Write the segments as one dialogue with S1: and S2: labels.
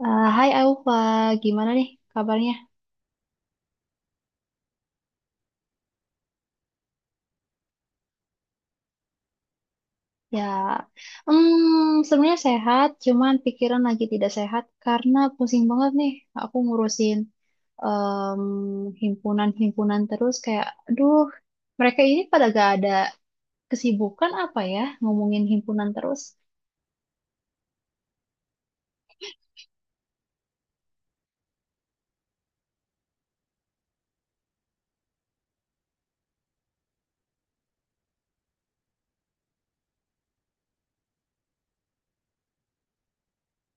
S1: Hai Aufa, gimana nih kabarnya? Ya, sebenarnya sehat, cuman pikiran lagi tidak sehat karena pusing banget nih. Aku ngurusin em, himpunan-himpunan terus, kayak, aduh, mereka ini pada gak ada kesibukan apa ya, ngomongin himpunan terus.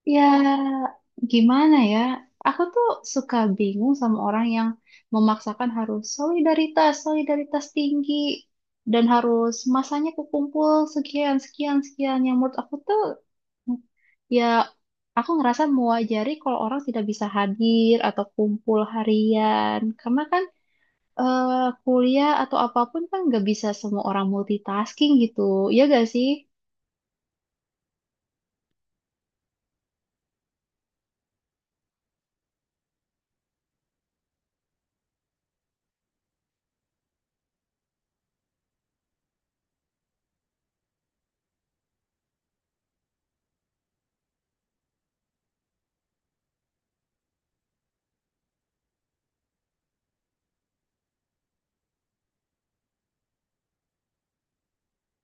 S1: Ya, gimana ya? Aku tuh suka bingung sama orang yang memaksakan harus solidaritas, solidaritas tinggi, dan harus masanya kekumpul sekian, sekian, sekian. Yang menurut aku tuh, ya, aku ngerasa mewajari kalau orang tidak bisa hadir atau kumpul harian. Karena kan eh, kuliah atau apapun kan nggak bisa semua orang multitasking gitu. Iya gak sih?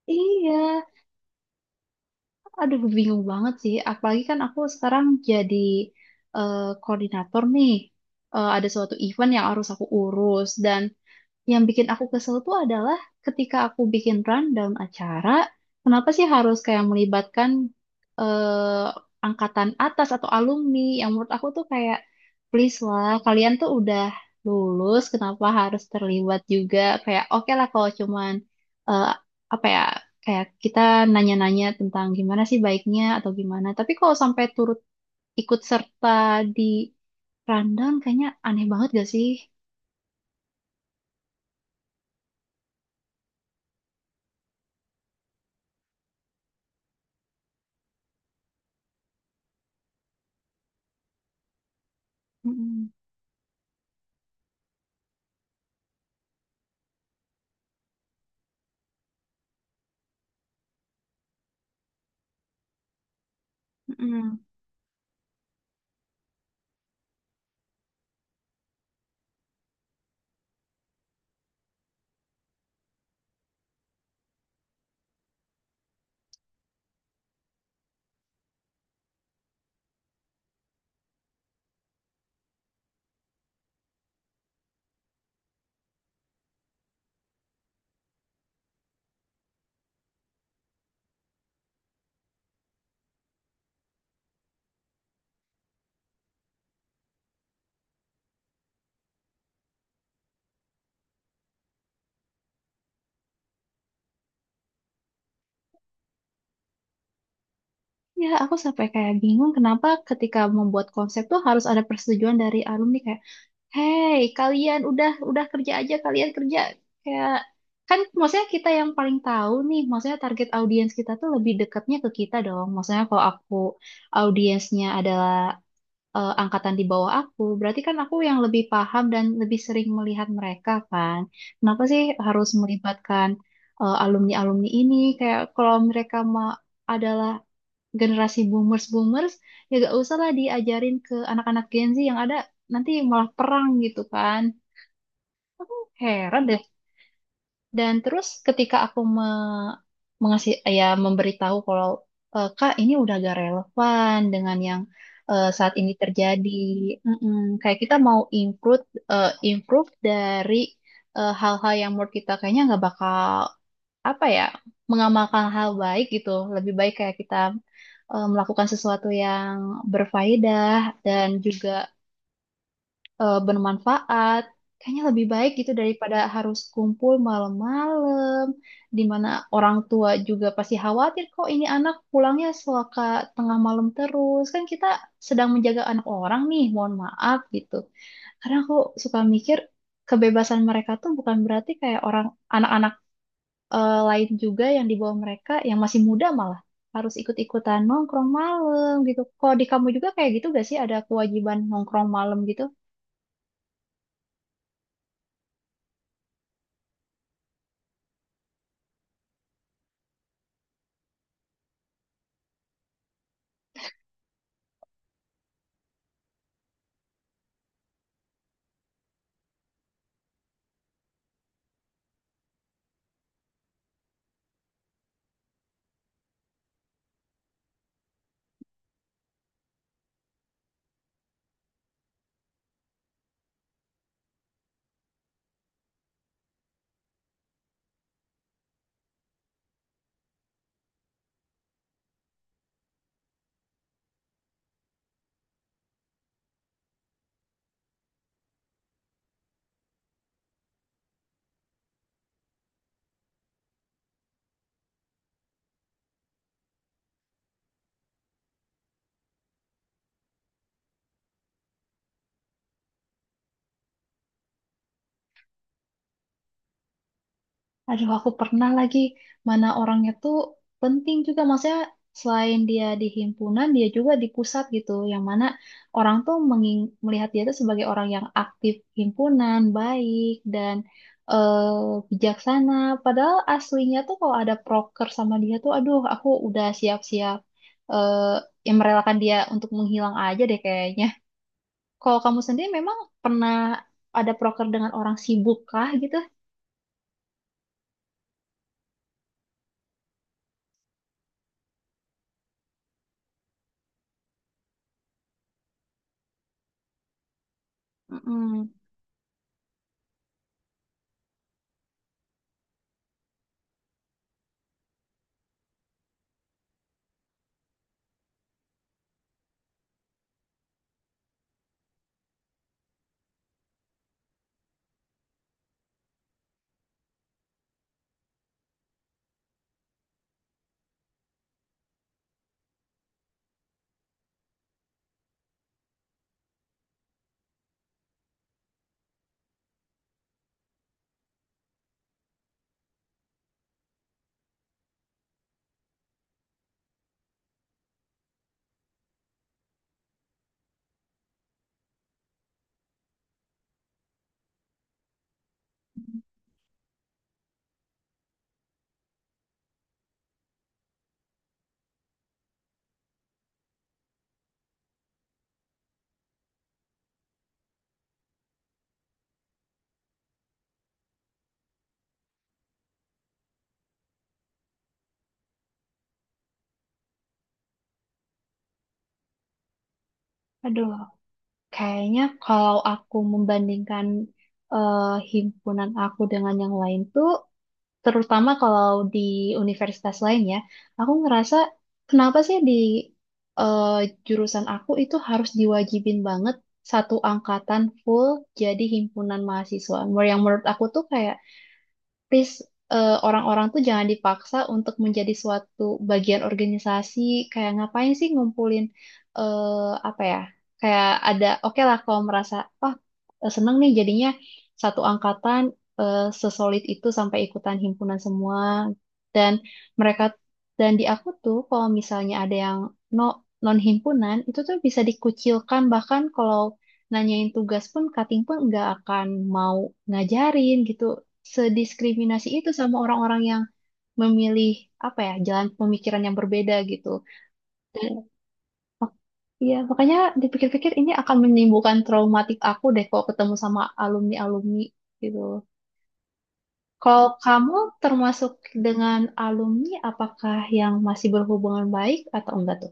S1: Iya. Aduh, bingung banget sih. Apalagi kan aku sekarang jadi koordinator nih. Ada suatu event yang harus aku urus. Dan yang bikin aku kesel tuh adalah ketika aku bikin rundown acara, kenapa sih harus kayak melibatkan angkatan atas atau alumni? Yang menurut aku tuh kayak please lah, kalian tuh udah lulus, kenapa harus terlibat juga? Kayak oke lah kalau cuman eh, apa ya? Kayak kita nanya-nanya tentang gimana sih baiknya atau gimana. Tapi kalau sampai turut ikut serta di rundown, kayaknya aneh banget gak sih? Mm-mm, mm-mm. Ya, aku sampai kayak bingung kenapa ketika membuat konsep tuh harus ada persetujuan dari alumni, kayak, "Hey, kalian udah kerja aja, kalian kerja." Kayak, kan maksudnya kita yang paling tahu nih, maksudnya target audiens kita tuh lebih dekatnya ke kita dong. Maksudnya kalau aku audiensnya adalah angkatan di bawah aku, berarti kan aku yang lebih paham dan lebih sering melihat mereka kan. Kenapa sih harus melibatkan alumni alumni ini? Kayak kalau mereka mau adalah generasi boomers-boomers, ya gak usah lah diajarin ke anak-anak Gen Z yang ada, nanti malah perang gitu kan. Aku heran deh. Dan terus ketika aku me mengasih ya memberitahu kalau, "Eh, Kak, ini udah gak relevan dengan yang saat ini terjadi." Mm-mm. Kayak kita mau improve dari hal-hal yang menurut kita kayaknya nggak bakal, apa ya, mengamalkan hal baik gitu. Lebih baik kayak kita melakukan sesuatu yang berfaedah dan juga bermanfaat, kayaknya lebih baik gitu, daripada harus kumpul malam-malam di mana orang tua juga pasti khawatir, kok ini anak pulangnya suka tengah malam terus, kan kita sedang menjaga anak orang nih, mohon maaf gitu. Karena aku suka mikir kebebasan mereka tuh bukan berarti kayak orang anak-anak lain juga yang di bawah mereka yang masih muda malah harus ikut-ikutan nongkrong malam gitu. Kalau di kamu juga kayak gitu gak sih, ada kewajiban nongkrong malam gitu? Aduh, aku pernah, lagi mana orangnya tuh penting juga. Maksudnya selain dia di himpunan, dia juga di pusat gitu. Yang mana orang tuh melihat dia tuh sebagai orang yang aktif himpunan, baik, dan eh, bijaksana. Padahal aslinya tuh kalau ada proker sama dia tuh, aduh, aku udah siap-siap, eh, yang merelakan dia untuk menghilang aja deh kayaknya. Kalau kamu sendiri memang pernah ada proker dengan orang sibuk kah gitu? Mm-mm. Aduh. Kayaknya kalau aku membandingkan eh, himpunan aku dengan yang lain tuh, terutama kalau di universitas lain ya, aku ngerasa kenapa sih di eh, jurusan aku itu harus diwajibin banget satu angkatan full jadi himpunan mahasiswa. Yang menurut aku tuh kayak please, orang-orang tuh jangan dipaksa untuk menjadi suatu bagian organisasi. Kayak ngapain sih ngumpulin apa ya, kayak ada oke lah kalau merasa wah, seneng nih jadinya satu angkatan sesolid itu sampai ikutan himpunan semua dan mereka. Dan di aku tuh kalau misalnya ada yang no non himpunan itu tuh bisa dikucilkan, bahkan kalau nanyain tugas pun cutting pun nggak akan mau ngajarin gitu, sediskriminasi itu sama orang-orang yang memilih, apa ya, jalan pemikiran yang berbeda gitu. Dan mak- iya makanya, dipikir-pikir ini akan menimbulkan traumatik aku deh kalau ketemu sama alumni-alumni gitu. Kalau kamu termasuk dengan alumni, apakah yang masih berhubungan baik atau enggak tuh?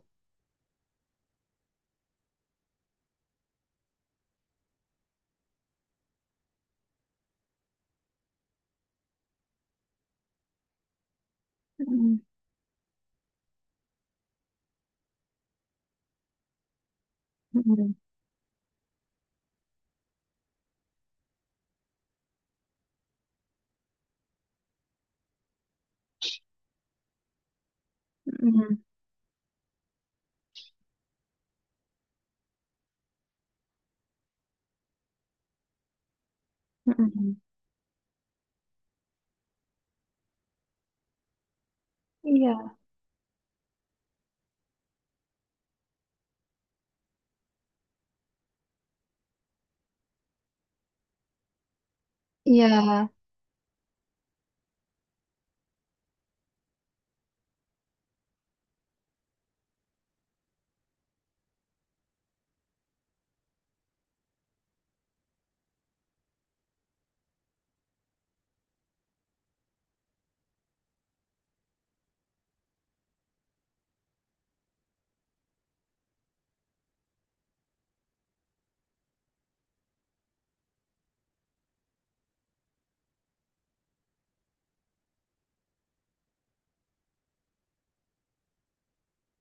S1: Mm-mm, mm-mm, mm-mm, mm-mm. Iya, iya.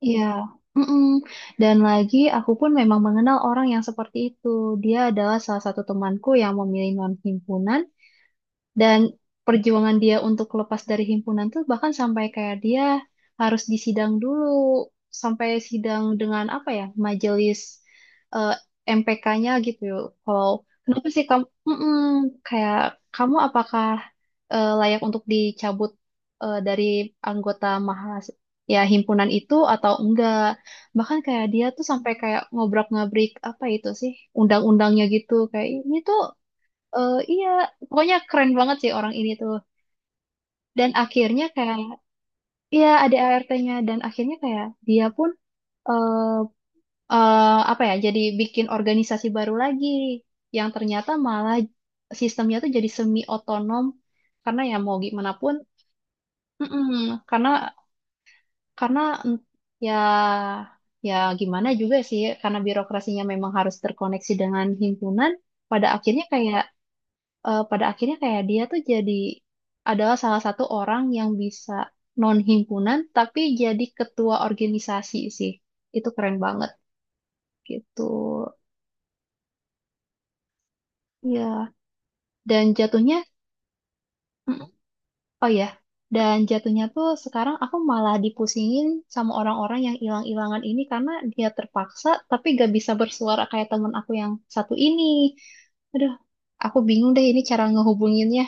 S1: Iya, mm-mm. Dan lagi aku pun memang mengenal orang yang seperti itu. Dia adalah salah satu temanku yang memilih non-himpunan, dan perjuangan dia untuk lepas dari himpunan tuh bahkan sampai kayak dia harus disidang dulu, sampai sidang dengan, apa ya, majelis MPK-nya gitu. Kalau kenapa sih kamu, mm-mm, kayak kamu apakah layak untuk dicabut dari anggota mahas ya himpunan itu atau enggak? Bahkan kayak dia tuh sampai kayak ngobrak-ngabrik apa itu sih undang-undangnya gitu. Kayak ini tuh. Iya, pokoknya keren banget sih orang ini tuh. Dan akhirnya, kayak, iya ada ART-nya, dan akhirnya kayak dia pun eh eh, apa ya, jadi bikin organisasi baru lagi yang ternyata malah sistemnya tuh jadi semi otonom, karena ya mau gimana pun, mm-mm, karena karena mm, ya ya gimana juga sih, karena birokrasinya memang harus terkoneksi dengan himpunan. Pada akhirnya kayak pada akhirnya kayak dia tuh jadi adalah salah satu orang yang bisa non himpunan tapi jadi ketua organisasi sih, itu keren banget gitu. Ya dan jatuhnya mm, oh ya, dan jatuhnya tuh sekarang aku malah dipusingin sama orang-orang yang hilang-hilangan ini karena dia terpaksa tapi gak bisa bersuara kayak temen aku yang satu ini. Aduh, aku bingung deh ini cara ngehubunginnya,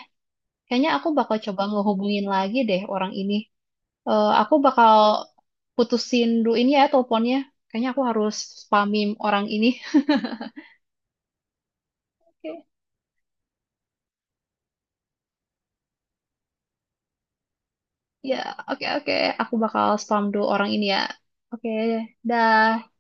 S1: kayaknya aku bakal coba ngehubungin lagi deh orang ini. Aku bakal putusin dulu ini ya teleponnya. Kayaknya aku harus spamin orang ini. Oke, ya, oke, oke. Aku bakal spam dulu orang ini ya. Oke, dah.